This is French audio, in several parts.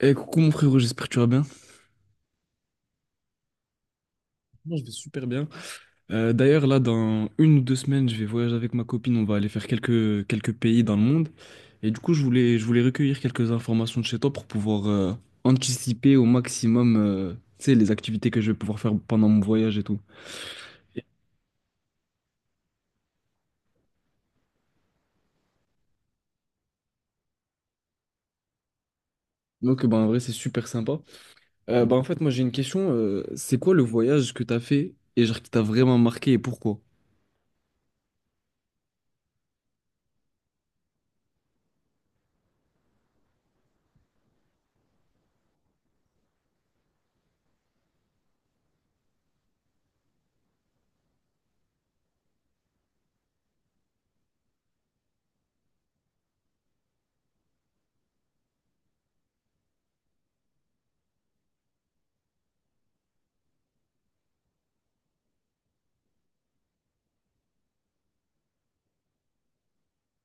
Eh, coucou mon frérot, j'espère que tu vas bien. Moi, je vais super bien. D'ailleurs, là, dans une ou deux semaines, je vais voyager avec ma copine. On va aller faire quelques pays dans le monde. Et du coup, je voulais recueillir quelques informations de chez toi pour pouvoir anticiper au maximum tu sais, les activités que je vais pouvoir faire pendant mon voyage et tout. Et Donc, bah, en vrai, c'est super sympa. Bah, en fait, moi, j'ai une question. C'est quoi le voyage que t'as fait et genre qui t'a vraiment marqué et pourquoi?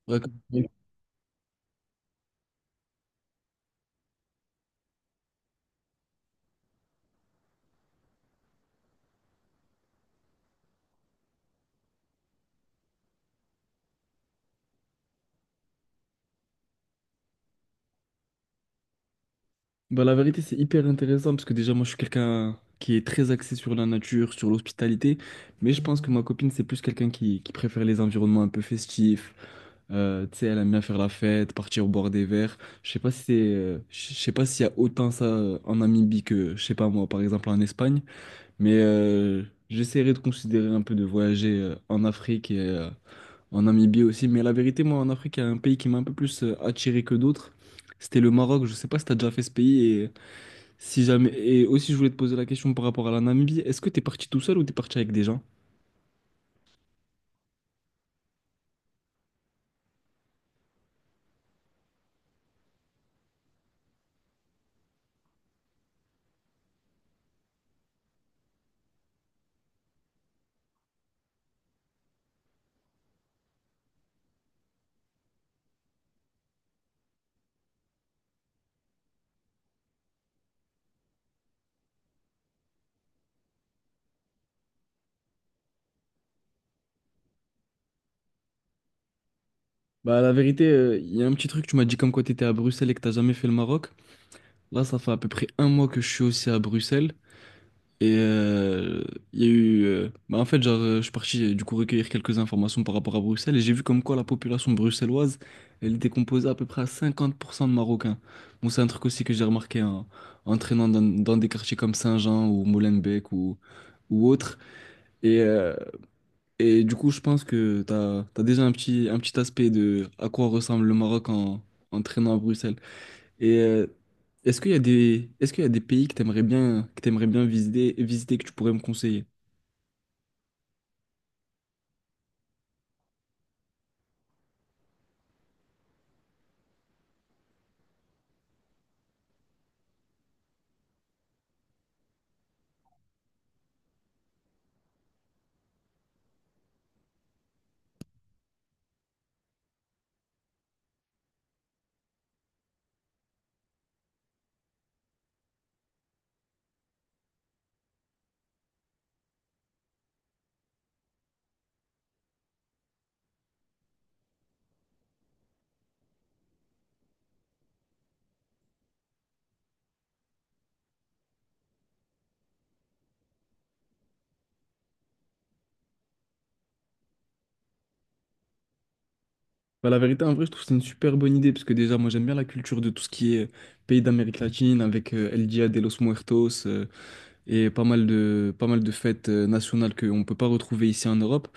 Raconte. Bah, la vérité, c'est hyper intéressant parce que déjà, moi, je suis quelqu'un qui est très axé sur la nature, sur l'hospitalité, mais je pense que ma copine, c'est plus quelqu'un qui préfère les environnements un peu festifs. Tu sais, elle aime bien faire la fête, partir au bord des verres. Je sais pas si c'est, je sais pas s'il y a autant ça en Namibie que, je sais pas moi, par exemple en Espagne, mais j'essaierai de considérer un peu de voyager en Afrique et en Namibie aussi. Mais la vérité, moi, en Afrique, il y a un pays qui m'a un peu plus attiré que d'autres. C'était le Maroc. Je sais pas si t'as déjà fait ce pays si jamais. Et aussi, je voulais te poser la question par rapport à la Namibie. Est-ce que t'es parti tout seul ou t'es parti avec des gens? Bah, la vérité, il y a un petit truc. Tu m'as dit comme quoi t'étais à Bruxelles et que t'as jamais fait le Maroc. Là, ça fait à peu près un mois que je suis aussi à Bruxelles. Et euh, il y a eu. Bah, en fait, genre, je suis parti du coup recueillir quelques informations par rapport à Bruxelles et j'ai vu comme quoi la population bruxelloise, elle était composée à peu près à 50% de Marocains. Bon, c'est un truc aussi que j'ai remarqué en traînant dans des quartiers comme Saint-Jean ou Molenbeek ou autres. Et. euh, Et du coup, je pense que tu as, déjà un petit aspect de à quoi ressemble le Maroc en traînant à Bruxelles. Et euh, est-ce qu'il y a des pays que tu aimerais bien, que tu bien visiter, que tu pourrais me conseiller? Bah, la vérité, en vrai, je trouve que c'est une super bonne idée, parce que déjà, moi, j'aime bien la culture de tout ce qui est pays d'Amérique latine, avec El Dia de los Muertos, et pas mal de fêtes nationales qu'on ne peut pas retrouver ici en Europe.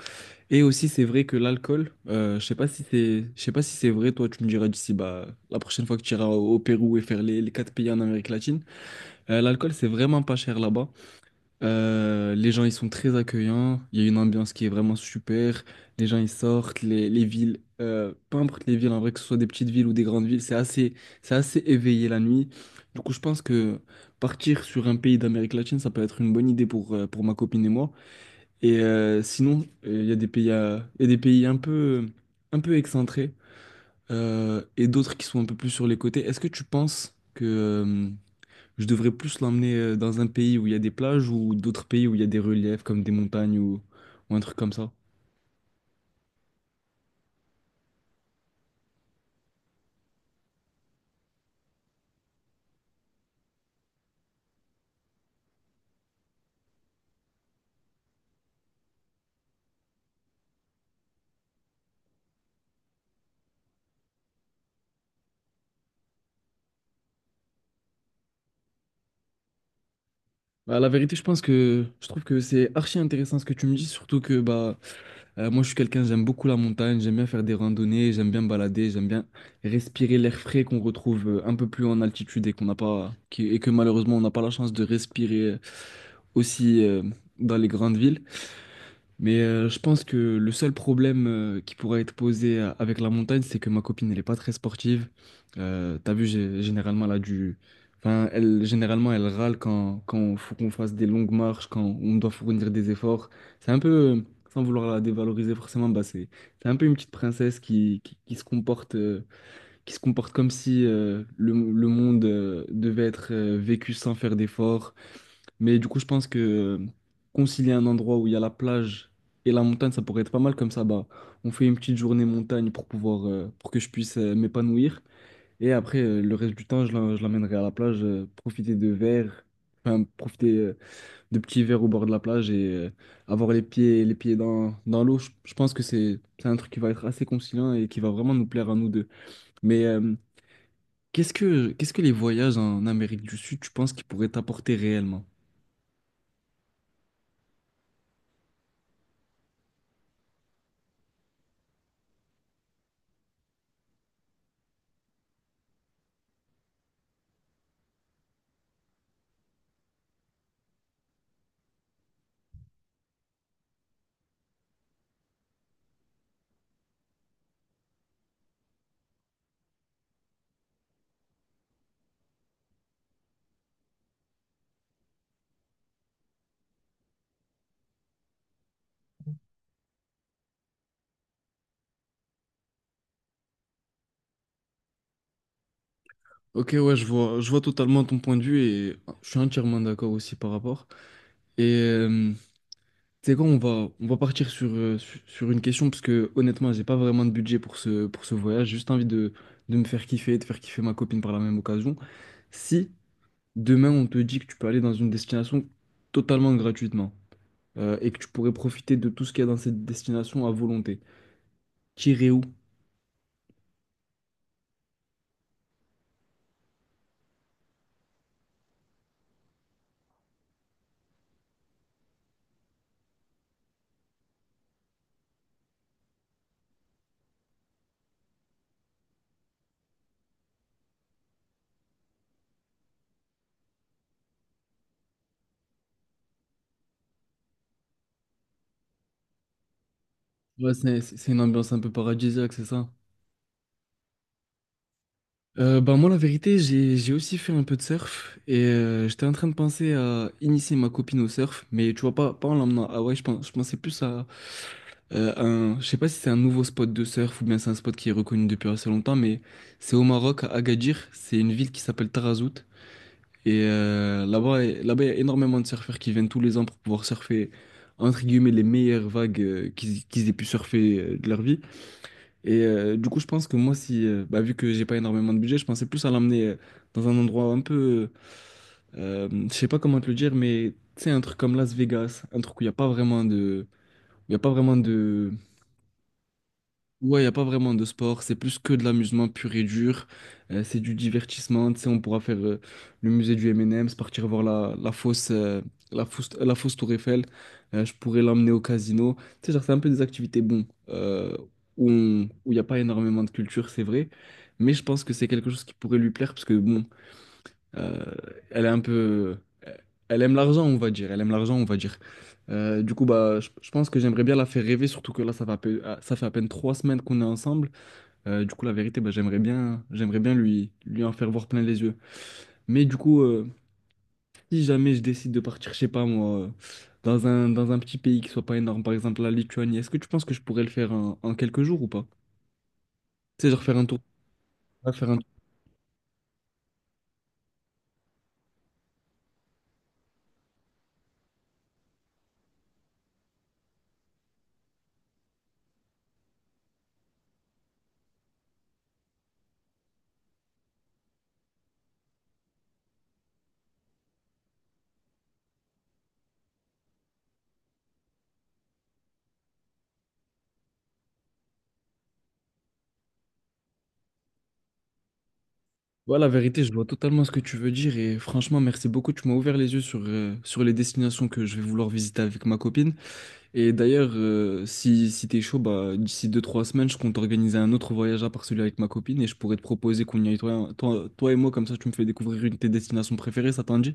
Et aussi, c'est vrai que l'alcool, je sais pas si c'est, je sais pas si c'est vrai, toi, tu me diras d'ici, bah, la prochaine fois que tu iras au Pérou et faire les quatre pays en Amérique latine, l'alcool, c'est vraiment pas cher là-bas. Les gens, ils sont très accueillants, il y a une ambiance qui est vraiment super, les gens, ils sortent, les villes, peu importe les villes, en vrai, que ce soit des petites villes ou des grandes villes, c'est assez éveillé la nuit. Du coup, je pense que partir sur un pays d'Amérique latine, ça peut être une bonne idée pour ma copine et moi. Et sinon, il y a des il y a des pays un peu excentrés et d'autres qui sont un peu plus sur les côtés. Est-ce que tu penses que je devrais plus l'emmener dans un pays où il y a des plages ou d'autres pays où il y a des reliefs comme des montagnes ou un truc comme ça? Bah, la vérité, je pense que je trouve que c'est archi intéressant ce que tu me dis, surtout que bah. Moi, je suis quelqu'un, j'aime beaucoup la montagne, j'aime bien faire des randonnées, j'aime bien me balader, j'aime bien respirer l'air frais qu'on retrouve un peu plus en altitude et qu'on n'a pas, et que malheureusement on n'a pas la chance de respirer aussi dans les grandes villes. Mais je pense que le seul problème qui pourrait être posé avec la montagne, c'est que ma copine, elle n'est pas très sportive. T'as vu, généralement, elle a du... Enfin, elle, généralement, elle râle quand, quand faut qu'on fasse des longues marches, quand on doit fournir des efforts. C'est un peu, sans vouloir la dévaloriser forcément, bah c'est un peu une petite princesse qui se comporte comme si le monde devait être vécu sans faire d'efforts, mais du coup, je pense que concilier un endroit où il y a la plage et la montagne, ça pourrait être pas mal comme ça. Bah, on fait une petite journée montagne pour pouvoir, pour que je puisse m'épanouir. Et après, le reste du temps, je l'emmènerai à la plage, profiter de verres, enfin, profiter de petits verres au bord de la plage et avoir les pieds dans l'eau. Je pense que c'est un truc qui va être assez conciliant et qui va vraiment nous plaire à nous deux. Mais qu'est-ce que les voyages en Amérique du Sud, tu penses qu'ils pourraient t'apporter réellement? Ok, ouais, je vois totalement ton point de vue et je suis entièrement d'accord aussi par rapport. Et c'est quoi, on va partir sur, sur une question parce que honnêtement, j'ai pas vraiment de budget pour ce voyage. J'ai juste envie de me faire kiffer, de faire kiffer ma copine par la même occasion. Si demain on te dit que tu peux aller dans une destination totalement gratuitement et que tu pourrais profiter de tout ce qu'il y a dans cette destination à volonté, t'irais où? Ouais, c'est une ambiance un peu paradisiaque, c'est ça? Bah moi, la vérité, j'ai aussi fait un peu de surf et j'étais en train de penser à initier ma copine au surf, mais tu vois, pas en l'emmenant à Hawaï, je pense, je pensais plus à je sais pas si c'est un nouveau spot de surf ou bien c'est un spot qui est reconnu depuis assez longtemps, mais c'est au Maroc, à Agadir, c'est une ville qui s'appelle Tarazout et là-bas, là-bas, il y a énormément de surfeurs qui viennent tous les ans pour pouvoir surfer, entre guillemets, les meilleures vagues qu'ils qu'ils aient pu surfer de leur vie. Et du coup, je pense que moi, si, bah, vu que j'ai pas énormément de budget, je pensais plus à l'emmener dans un endroit un peu, je sais pas comment te le dire, mais tu sais, un truc comme Las Vegas, un truc où il n'y a pas vraiment il y a pas vraiment de, ouais, il n'y a pas vraiment de sport, c'est plus que de l'amusement pur et dur, c'est du divertissement, tu sais, on pourra faire le musée du M&M's, partir voir la, la fosse, la fosse Tour Eiffel, je pourrais l'emmener au casino, tu sais, genre c'est un peu des activités, bon, où il n'y a pas énormément de culture, c'est vrai, mais je pense que c'est quelque chose qui pourrait lui plaire, parce que bon, euh, elle est un peu, euh, elle aime l'argent, on va dire. Elle aime l'argent, on va dire. Du coup, bah, je pense que j'aimerais bien la faire rêver, surtout que là, ça va, ça fait à peine trois semaines qu'on est ensemble. Du coup, la vérité, bah, j'aimerais bien, lui en faire voir plein les yeux. Mais du coup, si jamais je décide de partir, je sais pas moi, dans dans un petit pays qui soit pas énorme, par exemple la Lituanie, est-ce que tu penses que je pourrais le faire en quelques jours ou pas? Tu sais, genre faire un tour, faire un. Ouais, la vérité, je vois totalement ce que tu veux dire et franchement, merci beaucoup. Tu m'as ouvert les yeux sur, sur les destinations que je vais vouloir visiter avec ma copine. Et d'ailleurs, si, si t'es chaud, bah, d'ici deux trois semaines, je compte organiser un autre voyage à part celui avec ma copine et je pourrais te proposer qu'on y aille toi, toi et moi, comme ça tu me fais découvrir une de tes destinations préférées, ça t'en dit?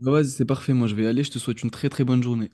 Bah, vas-y, c'est parfait, moi je vais y aller, je te souhaite une très très bonne journée.